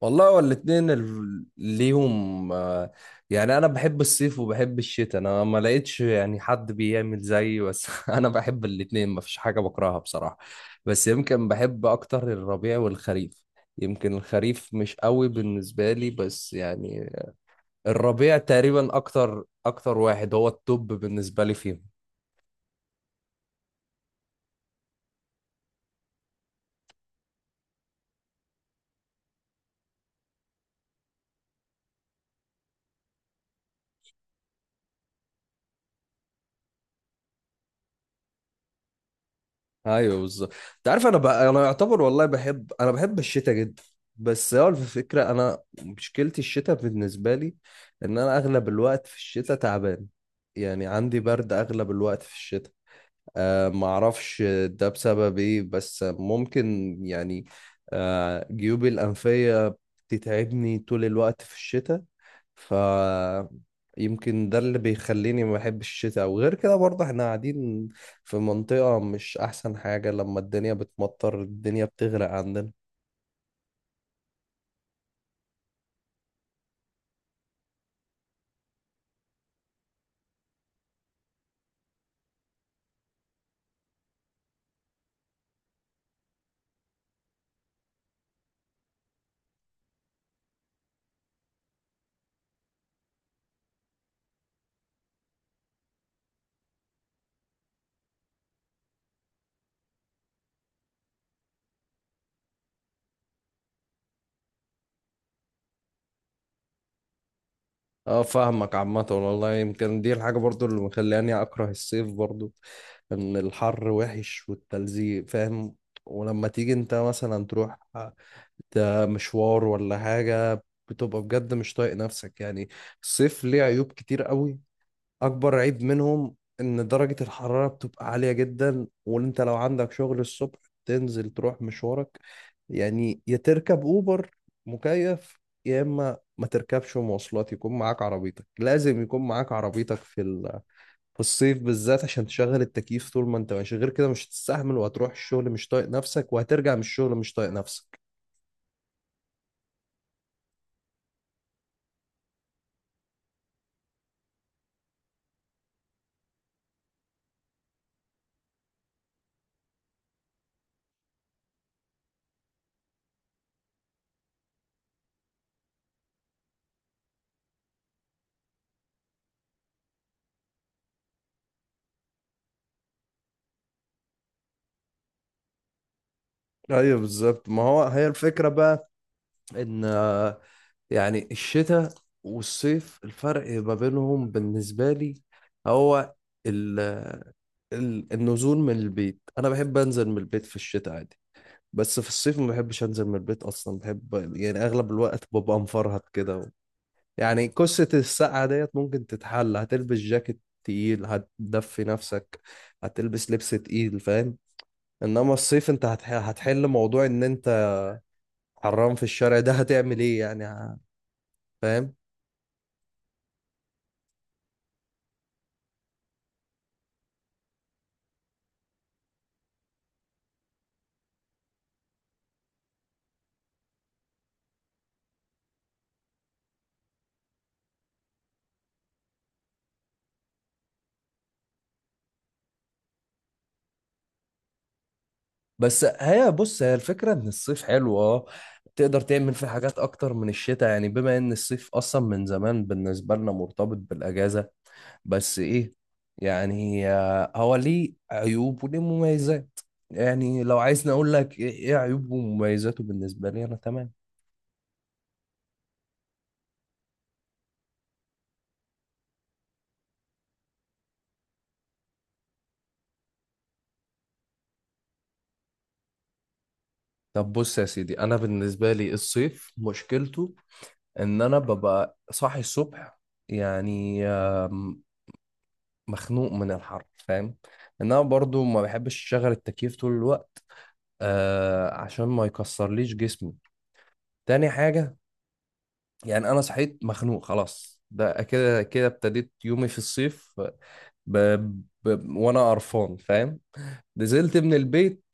والله هو الاتنين ليهم. يعني انا بحب الصيف وبحب الشتاء. انا ما لقيتش يعني حد بيعمل زيي بس انا بحب الاتنين، ما فيش حاجة بكرهها بصراحة. بس يمكن بحب اكتر الربيع والخريف. يمكن الخريف مش قوي بالنسبة لي بس يعني الربيع تقريبا اكتر اكتر واحد هو التوب بالنسبة لي فيهم. ايوه بالظبط. انت عارف، انا بقى انا يعتبر والله بحب، انا بحب الشتاء جدا. بس هو الفكره، انا مشكلتي الشتاء بالنسبه لي ان انا اغلب الوقت في الشتاء تعبان. يعني عندي برد اغلب الوقت في الشتاء. معرفش ده بسبب ايه، بس ممكن يعني جيوبي الأنفية بتتعبني طول الوقت في الشتاء. ف يمكن ده اللي بيخليني ما بحبش الشتاء. وغير كده برضه احنا قاعدين في منطقة مش أحسن حاجة، لما الدنيا بتمطر الدنيا بتغرق عندنا. اه فاهمك. عامة والله يمكن دي الحاجة برضو اللي مخلاني أكره الصيف برضو، إن الحر وحش والتلزيق فاهم. ولما تيجي أنت مثلا تروح ده مشوار ولا حاجة بتبقى بجد مش طايق نفسك يعني. الصيف ليه عيوب كتير قوي. اكبر عيب منهم ان درجة الحرارة بتبقى عالية جدا، وان انت لو عندك شغل الصبح تنزل تروح مشوارك، يعني يا تركب اوبر مكيف، يا اما ما تركبش مواصلات يكون معاك عربيتك. لازم يكون معاك عربيتك في الصيف بالذات عشان تشغل التكييف طول ما انت ماشي، غير كده مش هتستحمل وهتروح الشغل مش طايق نفسك وهترجع من الشغل مش طايق نفسك. ايوه بالظبط. ما هو هي الفكرة بقى ان يعني الشتاء والصيف الفرق ما بينهم بالنسبة لي هو ال ال النزول من البيت. أنا بحب أنزل من البيت في الشتاء عادي، بس في الصيف ما بحبش أنزل من البيت أصلا، بحب يعني أغلب الوقت ببقى مفرهد كده يعني قصة السقعة ديت ممكن تتحل، هتلبس جاكيت تقيل هتدفي نفسك، هتلبس لبس تقيل فاهم. إنما الصيف أنت هتحل موضوع إن أنت حران في الشارع، ده هتعمل إيه يعني فاهم. بس هي بص هي الفكرة ان الصيف حلو اه، تقدر تعمل فيه حاجات اكتر من الشتاء، يعني بما ان الصيف اصلا من زمان بالنسبة لنا مرتبط بالاجازة. بس ايه، يعني هو ليه عيوب وليه مميزات. يعني لو عايزني اقول لك ايه، إيه عيوبه ومميزاته بالنسبة لي انا تمام. طب بص يا سيدي، انا بالنسبة لي الصيف مشكلته ان انا ببقى صاحي الصبح يعني مخنوق من الحر فاهم. انما برضو ما بحبش اشغل التكييف طول الوقت عشان ما يكسرليش جسمي. تاني حاجة، يعني انا صحيت مخنوق خلاص، ده كده كده ابتديت يومي في الصيف ب... وانا قرفان فاهم. نزلت من البيت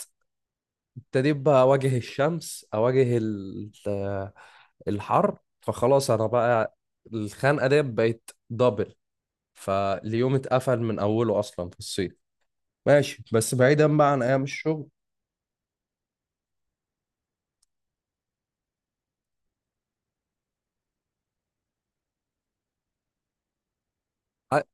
ابتديت بقى اواجه الشمس، اواجه ال... آه، الحر. فخلاص انا بقى الخنقة دي بقت دبل، فاليوم اتقفل من اوله اصلا في الصيف. ماشي بس بعيدا بقى عن ايام الشغل. أ-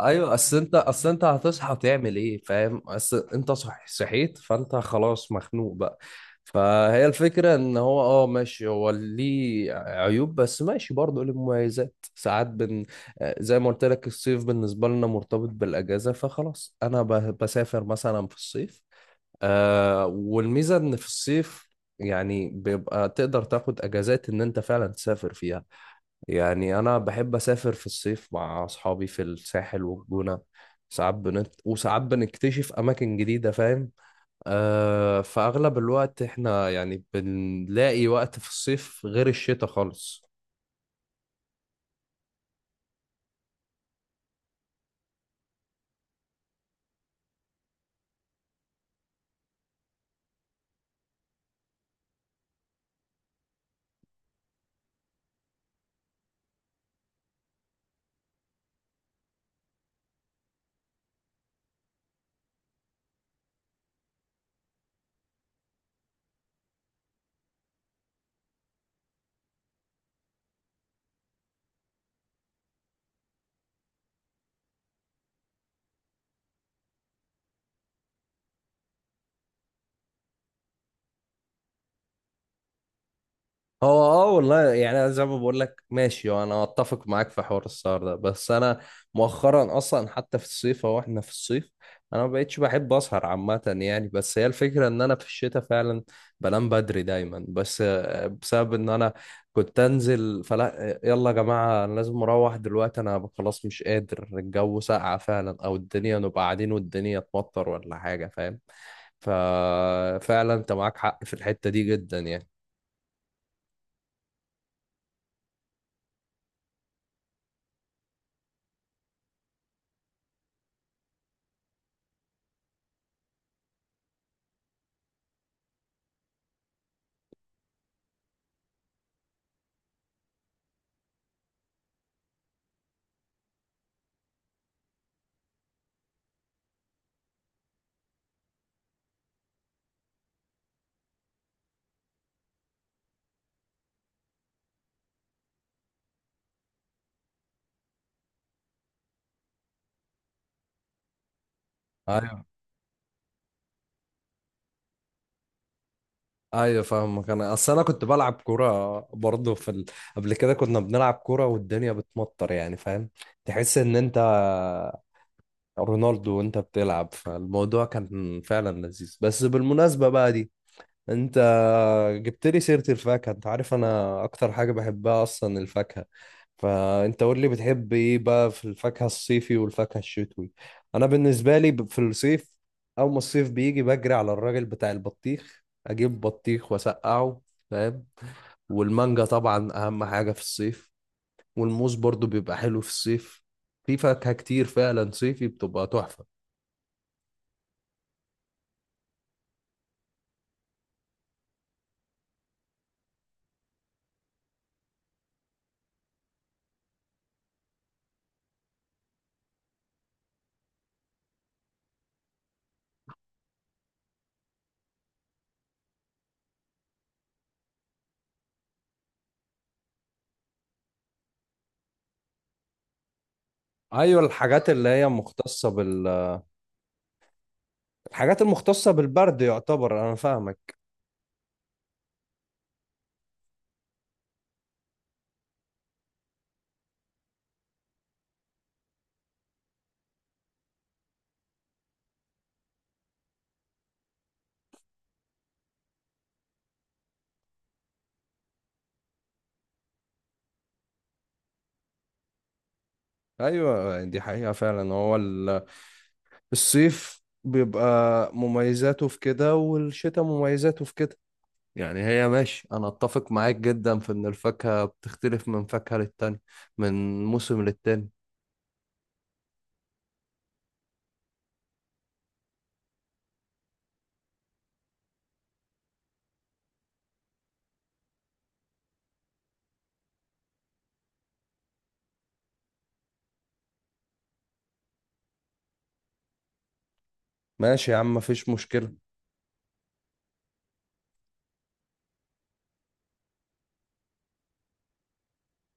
ايوه، اصل انت هتصحى تعمل ايه فاهم. اصل انت صحيت فانت خلاص مخنوق بقى. فهي الفكرة ان هو اه ماشي، هو ليه عيوب بس ماشي برضه ليه مميزات ساعات زي ما قلت لك الصيف بالنسبة لنا مرتبط بالاجازة، فخلاص انا بسافر مثلا في الصيف. آه والميزة ان في الصيف يعني بيبقى تقدر تاخد اجازات ان انت فعلا تسافر فيها. يعني أنا بحب أسافر في الصيف مع أصحابي في الساحل والجونة، ساعات بنت وساعات بنكتشف أماكن جديدة فاهم. آه فأغلب الوقت إحنا يعني بنلاقي وقت في الصيف غير الشتاء خالص. هو اه والله يعني انا زي ما بقول لك ماشي، وانا اتفق معاك في حوار السهر ده. بس انا مؤخرا اصلا حتى في الصيف اهو احنا في الصيف انا ما بقتش بحب اسهر عامه يعني. بس هي الفكره ان انا في الشتاء فعلا بنام بدري دايما، بس بسبب ان انا كنت انزل فلا يلا يا جماعه انا لازم اروح دلوقتي انا خلاص مش قادر، الجو ساقع فعلا، او الدنيا نبقى قاعدين والدنيا تمطر ولا حاجه فاهم. ففعلا انت معاك حق في الحته دي جدا يعني. أيوة. ايوه فاهمك. انا اصل انا كنت بلعب كوره برضه قبل كده كنا بنلعب كوره والدنيا بتمطر يعني فاهم، تحس ان انت رونالدو وانت بتلعب، فالموضوع كان فعلا لذيذ. بس بالمناسبه بقى دي، انت جبت لي سيرة الفاكهة، انت عارف انا اكتر حاجة بحبها اصلا الفاكهة. فانت قول لي بتحب ايه بقى في الفاكهة الصيفي والفاكهة الشتوي. انا بالنسبة لي في الصيف اول ما الصيف بيجي بجري على الراجل بتاع البطيخ اجيب بطيخ واسقعه فاهم. والمانجا طبعا اهم حاجة في الصيف، والموز برضو بيبقى حلو في الصيف. في فاكهة كتير فعلا صيفي بتبقى تحفة. ايوه الحاجات اللي هي مختصة بال الحاجات المختصة بالبرد يعتبر، انا فاهمك. ايوه دي حقيقة فعلا. هو الصيف بيبقى مميزاته في كده والشتاء مميزاته في كده. يعني هي ماشي انا اتفق معاك جدا في ان الفاكهة بتختلف من فاكهة للتانية، من موسم للتاني. ماشي يا عم مفيش مشكلة.